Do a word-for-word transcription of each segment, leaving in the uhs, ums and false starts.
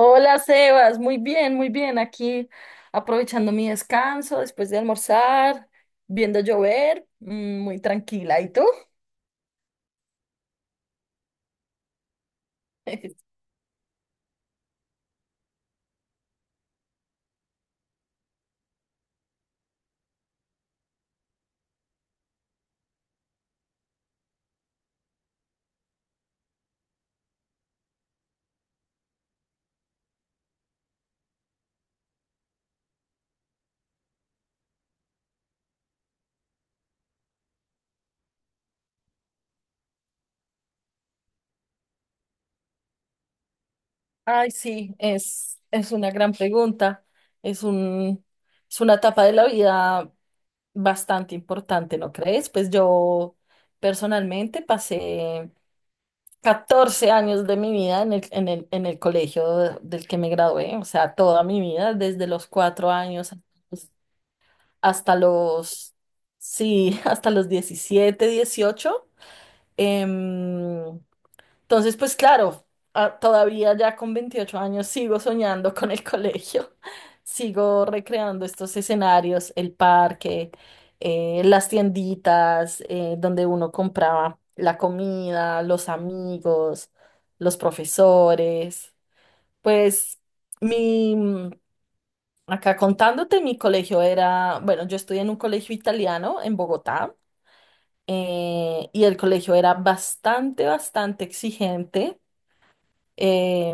Hola Sebas, muy bien, muy bien. Aquí aprovechando mi descanso después de almorzar, viendo llover, mm, muy tranquila. ¿Y tú? Ay, sí, es, es una gran pregunta. Es un, es una etapa de la vida bastante importante, ¿no crees? Pues yo personalmente pasé catorce años de mi vida en el, en el, en el colegio del que me gradué, o sea, toda mi vida, desde los cuatro años hasta los, sí, hasta los diecisiete dieciocho. Em, entonces, pues claro, a- todavía ya con veintiocho años sigo soñando con el colegio, sigo recreando estos escenarios, el parque, eh, las tienditas, eh, donde uno compraba la comida, los amigos, los profesores, pues Mi, acá contándote, mi colegio era, bueno, yo estudié en un colegio italiano en Bogotá. Eh, y el colegio era bastante, bastante exigente. eh,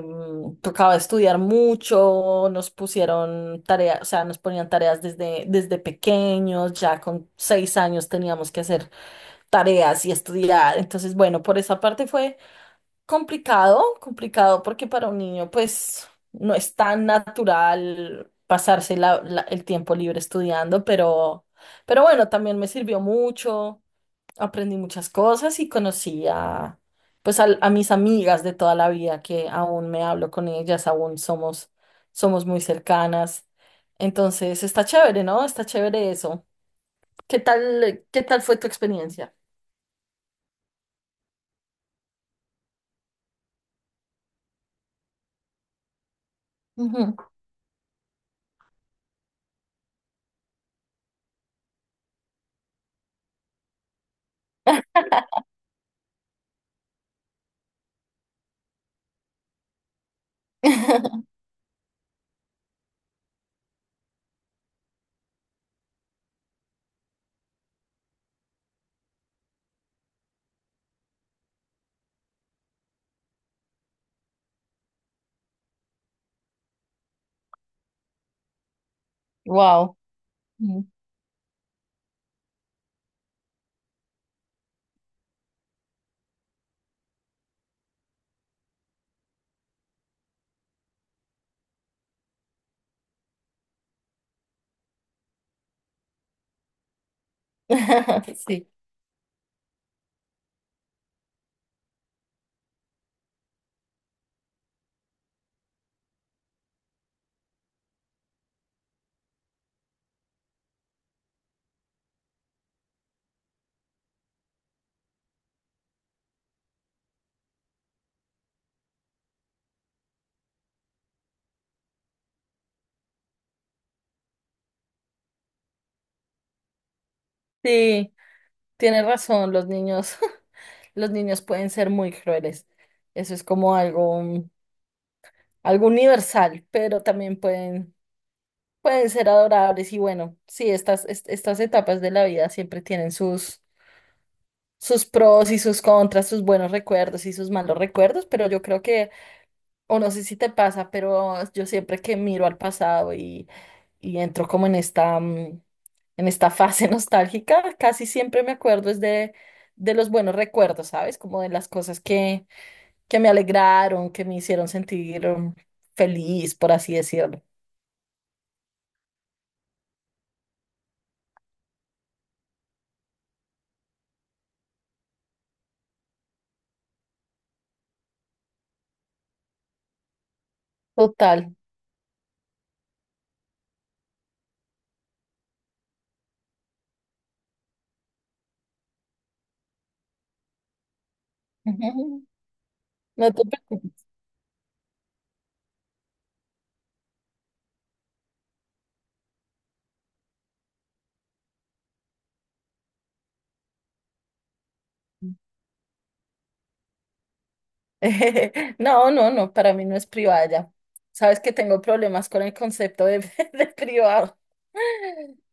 Tocaba estudiar mucho, nos pusieron tareas, o sea, nos ponían tareas desde, desde pequeños, ya con seis años teníamos que hacer tareas y estudiar. Entonces, bueno, por esa parte fue complicado, complicado, porque para un niño, pues, no es tan natural pasarse la- la- el tiempo libre estudiando, pero, pero bueno, también me sirvió mucho, aprendí muchas cosas y conocí a, pues, al- a, mis amigas de toda la vida, que aún me hablo con ellas, aún somos, somos muy cercanas. Entonces, está chévere, ¿no? Está chévere eso. ¿Qué tal, qué tal fue tu experiencia? Wow. Sí, sí, tienes razón, los niños, los niños pueden ser muy crueles. Eso es como algo, mm, algo universal, pero también pueden, pueden ser adorables. Y bueno, sí, estas, est- estas etapas de la vida siempre tienen sus, sus pros y sus contras, sus buenos recuerdos y sus malos recuerdos, pero yo creo que, o no sé si te pasa, pero yo siempre que miro al pasado y entro como en esta, mm, en esta fase nostálgica. Casi siempre me acuerdo es de, de los buenos recuerdos, ¿sabes? Como de las cosas que, que me alegraron, que me hicieron sentir, mm, feliz, por así decirlo. Total. Ujú. No te preocupes. No, no, no, para mí no es privada ya. Sabes que tengo problemas con el concepto de, de privado.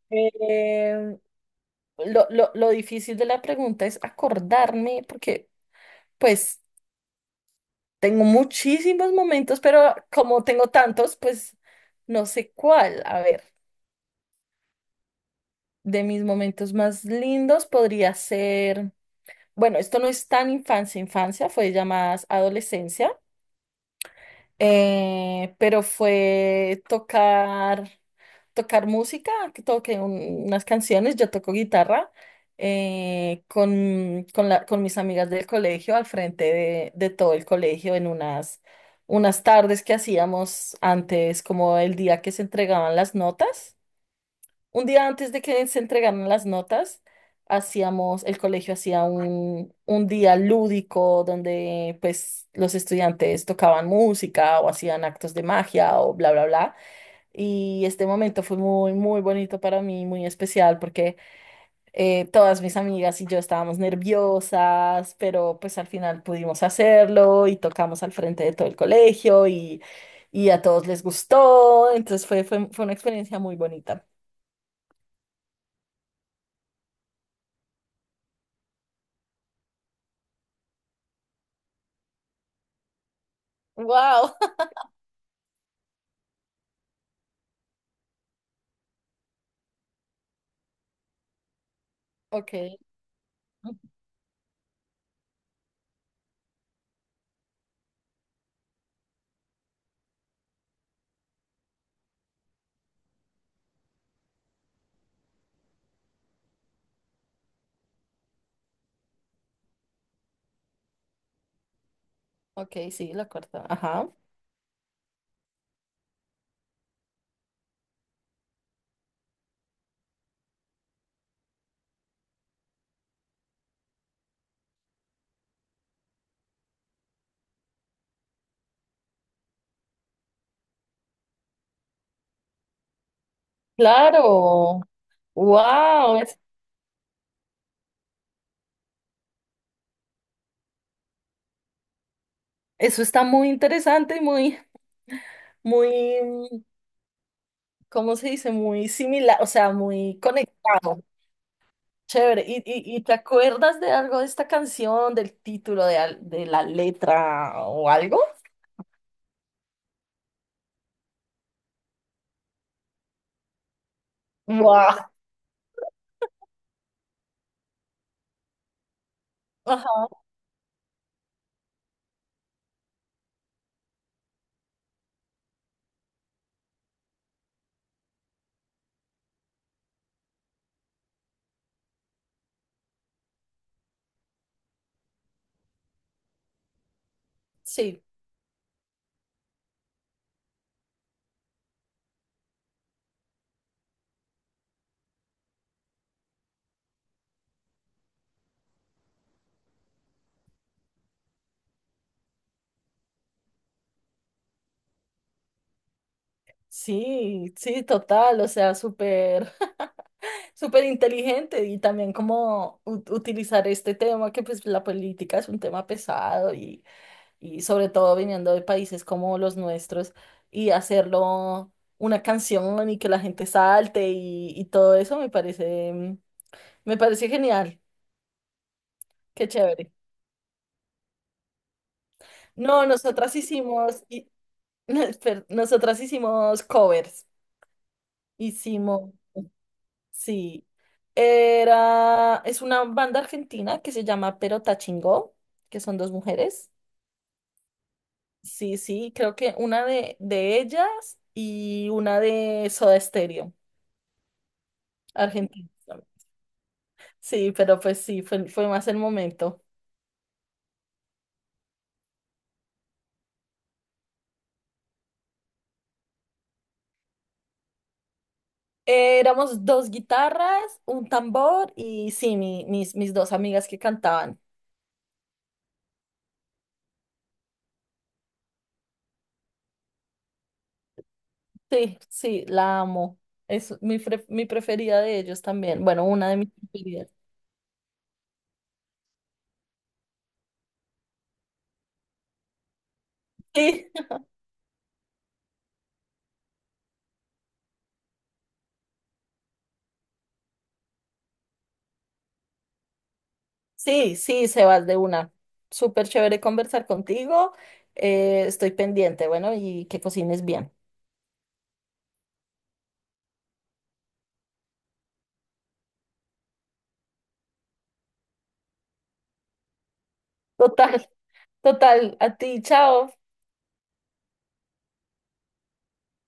Eh, lo, lo, lo difícil de la pregunta es acordarme, porque pues tengo muchísimos momentos, pero como tengo tantos, pues no sé cuál. A ver, de mis momentos más lindos podría ser, bueno, esto no es tan infancia, infancia, fue ya más adolescencia. Eh, pero fue tocar, tocar música, que toqué un- unas canciones, yo toco guitarra, eh, con, con, la- con mis amigas del colegio, al frente de, de todo el colegio, en unas, unas tardes que hacíamos antes, como el día que se entregaban las notas. Un día antes de que se entregaran las notas, hacíamos, el colegio hacía un, un día lúdico donde pues los estudiantes tocaban música o hacían actos de magia o bla, bla, bla. Y este momento fue muy, muy bonito para mí, muy especial porque eh, todas mis amigas y yo estábamos nerviosas, pero pues al final pudimos hacerlo y tocamos al frente de todo el colegio, y, y a todos les gustó. Entonces fue, fue, fue una experiencia muy bonita. ¡Wow! Ok, ok, sí, la cuarta. Ajá. Claro. Wow, es- eso está muy interesante y muy, muy, mm, ¿cómo se dice? Muy similar, o sea, muy conectado. Chévere. ¿Y, y, y te acuerdas de algo de esta canción, del título, de, al- de la letra o algo? Wow. Ajá, sí. Sí, sí, total, o sea, súper, súper inteligente y también como u- utilizar este tema, que pues la política es un tema pesado y, y sobre todo viniendo de países como los nuestros y hacerlo una canción y que la gente salte y, y todo eso me parece, mm, me parece genial, qué chévere. No, nosotras hicimos, y- espera, nosotras hicimos covers, hicimos... Sí, era, es una banda argentina que se llama Pero Chingó, que son dos mujeres. Sí, sí, creo que una de, de ellas y una de Soda Stereo, argentina. Sí, pero pues sí, fue, fue más el momento. Eh, éramos dos guitarras, un tambor y sí, mi- mis, mis dos amigas que cantaban. Sí, sí, la amo. Es mi, fre- mi preferida de ellos también. Bueno, una de mis preferidas. Sí, sí, Sebas, de una. Súper chévere conversar contigo. Eh, estoy pendiente, bueno, y que cocines bien. Total, total. A ti, chao.